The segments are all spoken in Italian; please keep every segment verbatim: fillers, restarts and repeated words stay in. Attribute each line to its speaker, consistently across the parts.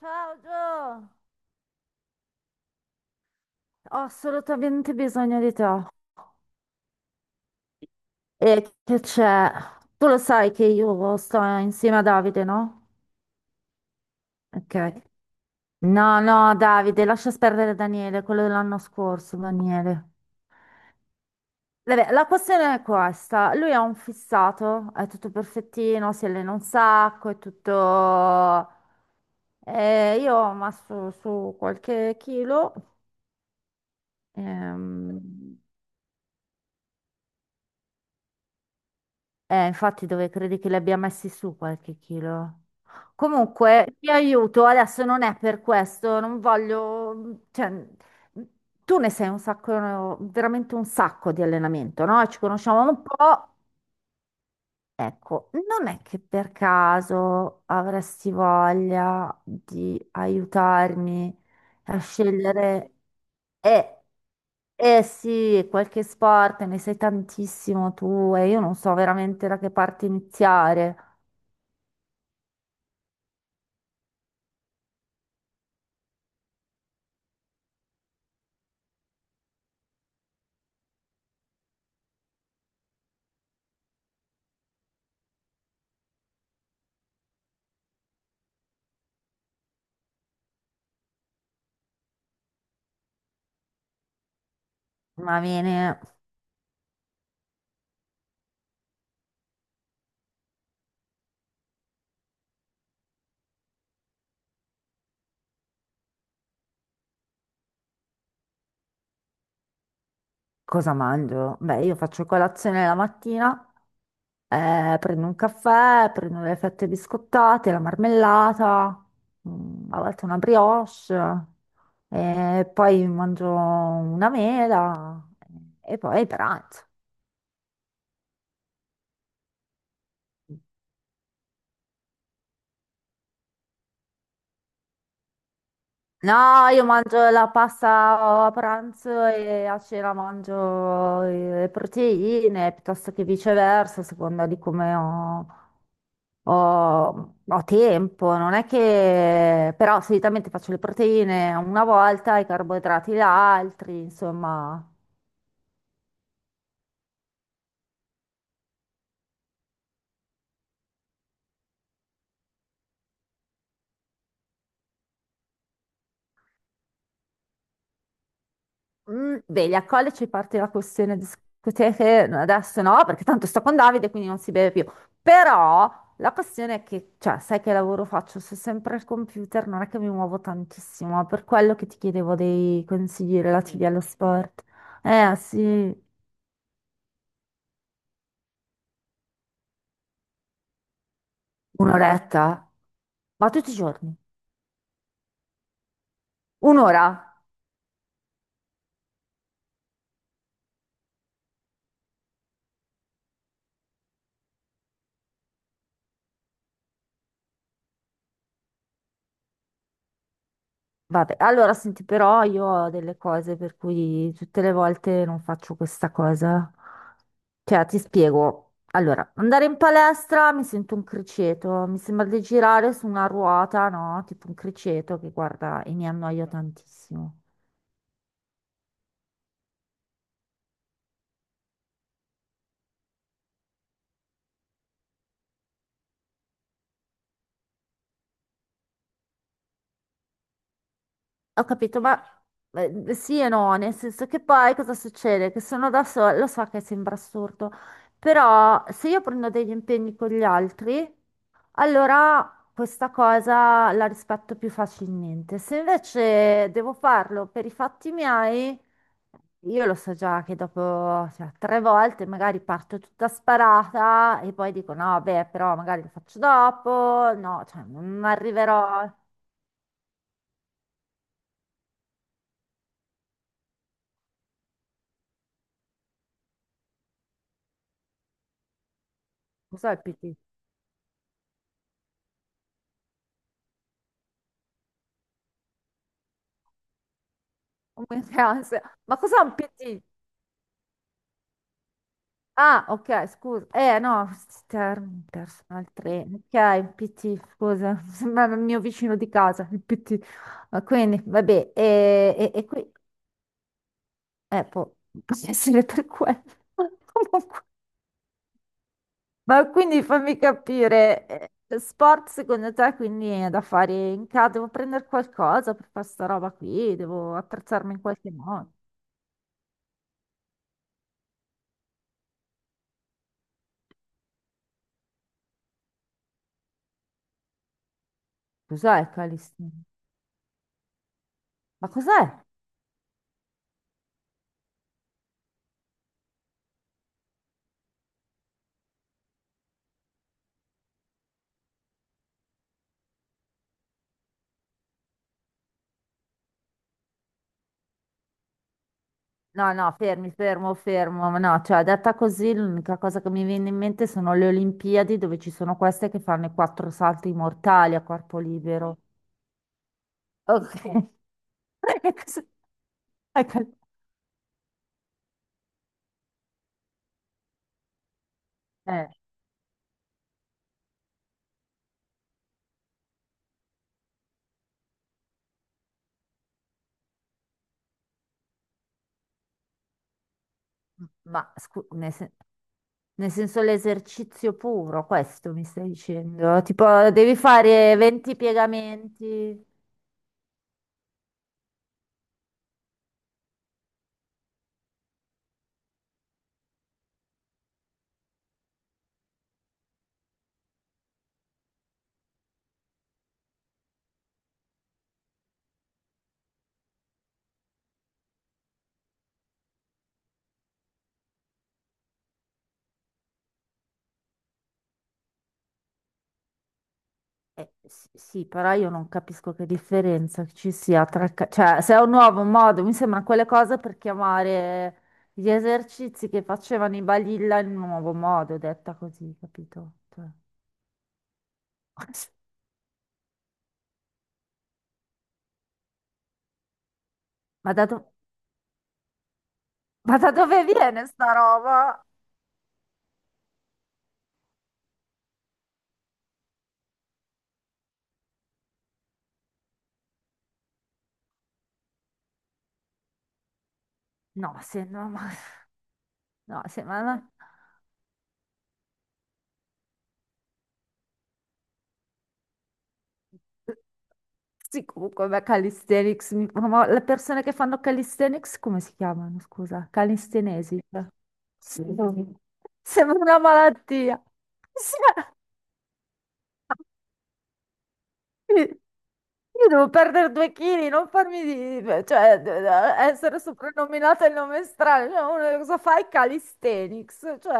Speaker 1: Ciao Gio, ho assolutamente bisogno di te. E che c'è? Tu lo sai che io sto insieme a Davide, no? Ok. No, no, Davide, lascia perdere Daniele, quello dell'anno scorso, Daniele. Vabbè, la questione è questa. Lui è un fissato, è tutto perfettino, si allena un sacco, è tutto... Eh, io ho messo su qualche chilo. ehm, Eh, infatti dove credi che li abbia messi su qualche chilo? Comunque, ti aiuto, adesso non è per questo, non voglio... Cioè, tu ne sei un sacco, veramente un sacco di allenamento, no? Ci conosciamo un po'. Ecco, non è che per caso avresti voglia di aiutarmi a scegliere... Eh, eh sì, qualche sport, ne sai tantissimo tu e io non so veramente da che parte iniziare. Ma viene, cosa mangio? Beh, io faccio colazione la mattina, eh, prendo un caffè, prendo le fette biscottate, la marmellata, mm, a volte una brioche, e poi mangio una mela eh, e poi pranzo. No, io mangio la pasta a pranzo e a cena mangio le proteine, piuttosto che viceversa, a seconda di come ho, ho- ho tempo. Non è che... Però solitamente faccio le proteine una volta, i carboidrati gli altri, insomma... Mm, vedi, a college parte la questione discoteche, no, adesso no, perché tanto sto con Davide, quindi non si beve più. Però la questione è che, cioè, sai che lavoro faccio? Sto sempre al computer, non è che mi muovo tantissimo, per quello che ti chiedevo dei consigli relativi allo sport. Eh, sì, un'oretta? Ma tutti i giorni? Un'ora? Vabbè, allora senti, però io ho delle cose per cui tutte le volte non faccio questa cosa. Cioè, ti spiego. Allora, andare in palestra mi sento un criceto, mi sembra di girare su una ruota, no? Tipo un criceto che guarda e mi annoio tantissimo. Ho capito, ma eh, sì e no, nel senso che poi cosa succede? Che sono da sola, lo so che sembra assurdo, però se io prendo degli impegni con gli altri. Allora, questa cosa la rispetto più facilmente. Se invece devo farlo per i fatti miei, io lo so già che dopo, cioè, tre volte magari parto tutta sparata e poi dico no, beh, però magari lo faccio dopo, no, cioè non arriverò. Cos'è il P T? Un mese di ansia. Ma cos'è un P T? Ah, ok, scusa. Eh, no, Term, personal trainer. Ok, P T, scusa. Sembrava il mio vicino di casa, il P T. Ah, quindi, vabbè, e, e- e qui, eh, può, può essere per quello. Comunque. Ma quindi fammi capire, eh, sport secondo te quindi è da fare in casa? Devo prendere qualcosa per fare sta roba qui? Devo attrezzarmi in qualche modo? Cos'è il calistenia? Ma cos'è? No, no, fermi, fermo, fermo. No, cioè, detta così, l'unica cosa che mi viene in mente sono le Olimpiadi dove ci sono queste che fanno i quattro salti mortali a corpo libero. Ok. E cosa- ecco. Eh, ma scu- nel, sen- nel senso l'esercizio puro, questo mi stai dicendo? Tipo, devi fare venti piegamenti. Eh, s- sì, però io non capisco che differenza ci sia tra... ca- cioè, se è un nuovo modo, mi sembra quelle cose per chiamare gli esercizi che facevano i balilla in un nuovo modo, detta così, capito? Cioè, Ma da, do- ma da dove viene sta roba? No, se no, ma... No, se, ma no. Sì, comunque, beh, calisthenics, mi- ma le persone che fanno calisthenics come si chiamano, scusa? Calistenesi. Cioè. Sì. Sembra una malattia. Sì. Io io devo perdere due chili, non farmi di... cioè, d- d- essere soprannominata il nome strano. Cioè, uno, cosa fai? Calisthenics. Cioè,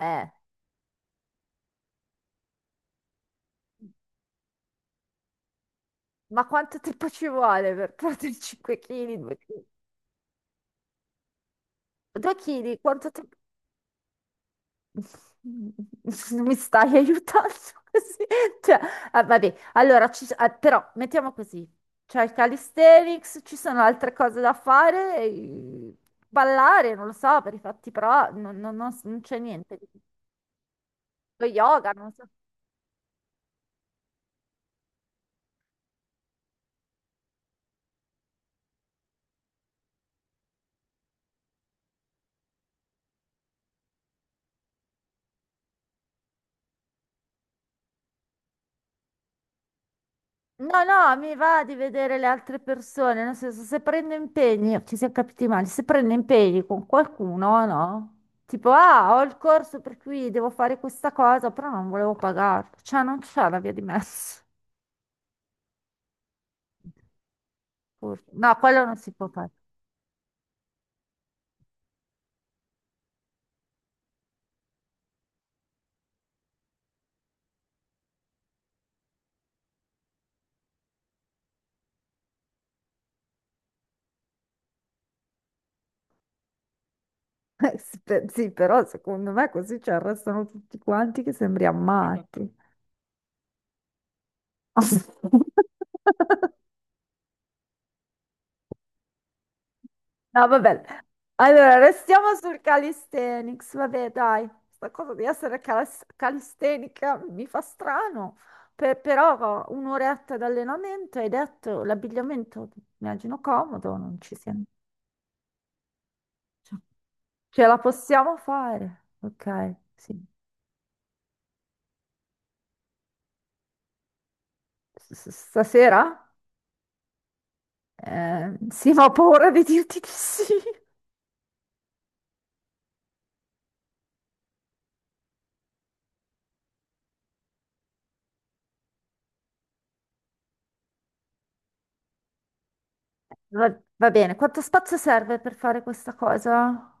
Speaker 1: eh, ma quanto tempo ci vuole per perdere cinque chili? due chili? Quanto tempo? Non mi stai aiutando così? Cioè, ah, vabbè, allora, ci- ah, però mettiamo così, c'è il calisthenics, ci sono altre cose da fare, eh, ballare, non lo so, per i fatti però non, non- non- non c'è niente. Lo yoga, non so. No, no, mi va di vedere le altre persone, nel senso, se prendo impegni, ci siamo capiti male, se prendo impegni con qualcuno, no? Tipo, ah, ho il corso per cui devo fare questa cosa, però non volevo pagarlo, cioè non c'è la via di mezzo. Pur- No, quello non si può fare. Eh, sì, pe- sì, però secondo me così ci arrestano tutti quanti che sembriamo matti. No, vabbè. Allora, restiamo sul calisthenics. Vabbè, dai, sta cosa di essere calis- calistenica mi fa strano. Per- però un'oretta di allenamento, hai detto, l'abbigliamento, immagino comodo, non ci siamo. Cioè, ce la possiamo fare. Ok, sì. S- s- Stasera? Eh, sì, ma ho paura di dirti di sì. Va, va bene, quanto spazio serve per fare questa cosa?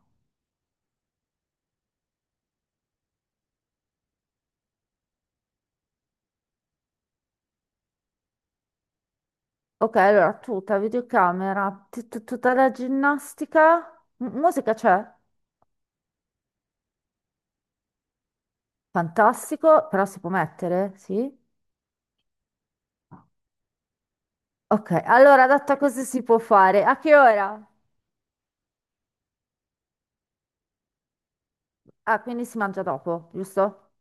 Speaker 1: Ok, allora tuta, videocamera, tu- tu- tutta la ginnastica, M- musica c'è? Fantastico, però si può mettere, sì? Ok, allora data così si può fare. A che ora? Ah, quindi si mangia dopo, giusto?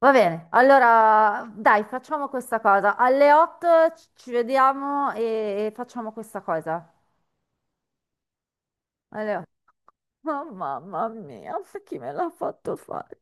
Speaker 1: Va bene, allora dai, facciamo questa cosa. Alle otto ci ci vediamo e e facciamo questa cosa. Alle otto. Oh, mamma mia, chi me l'ha fatto fare?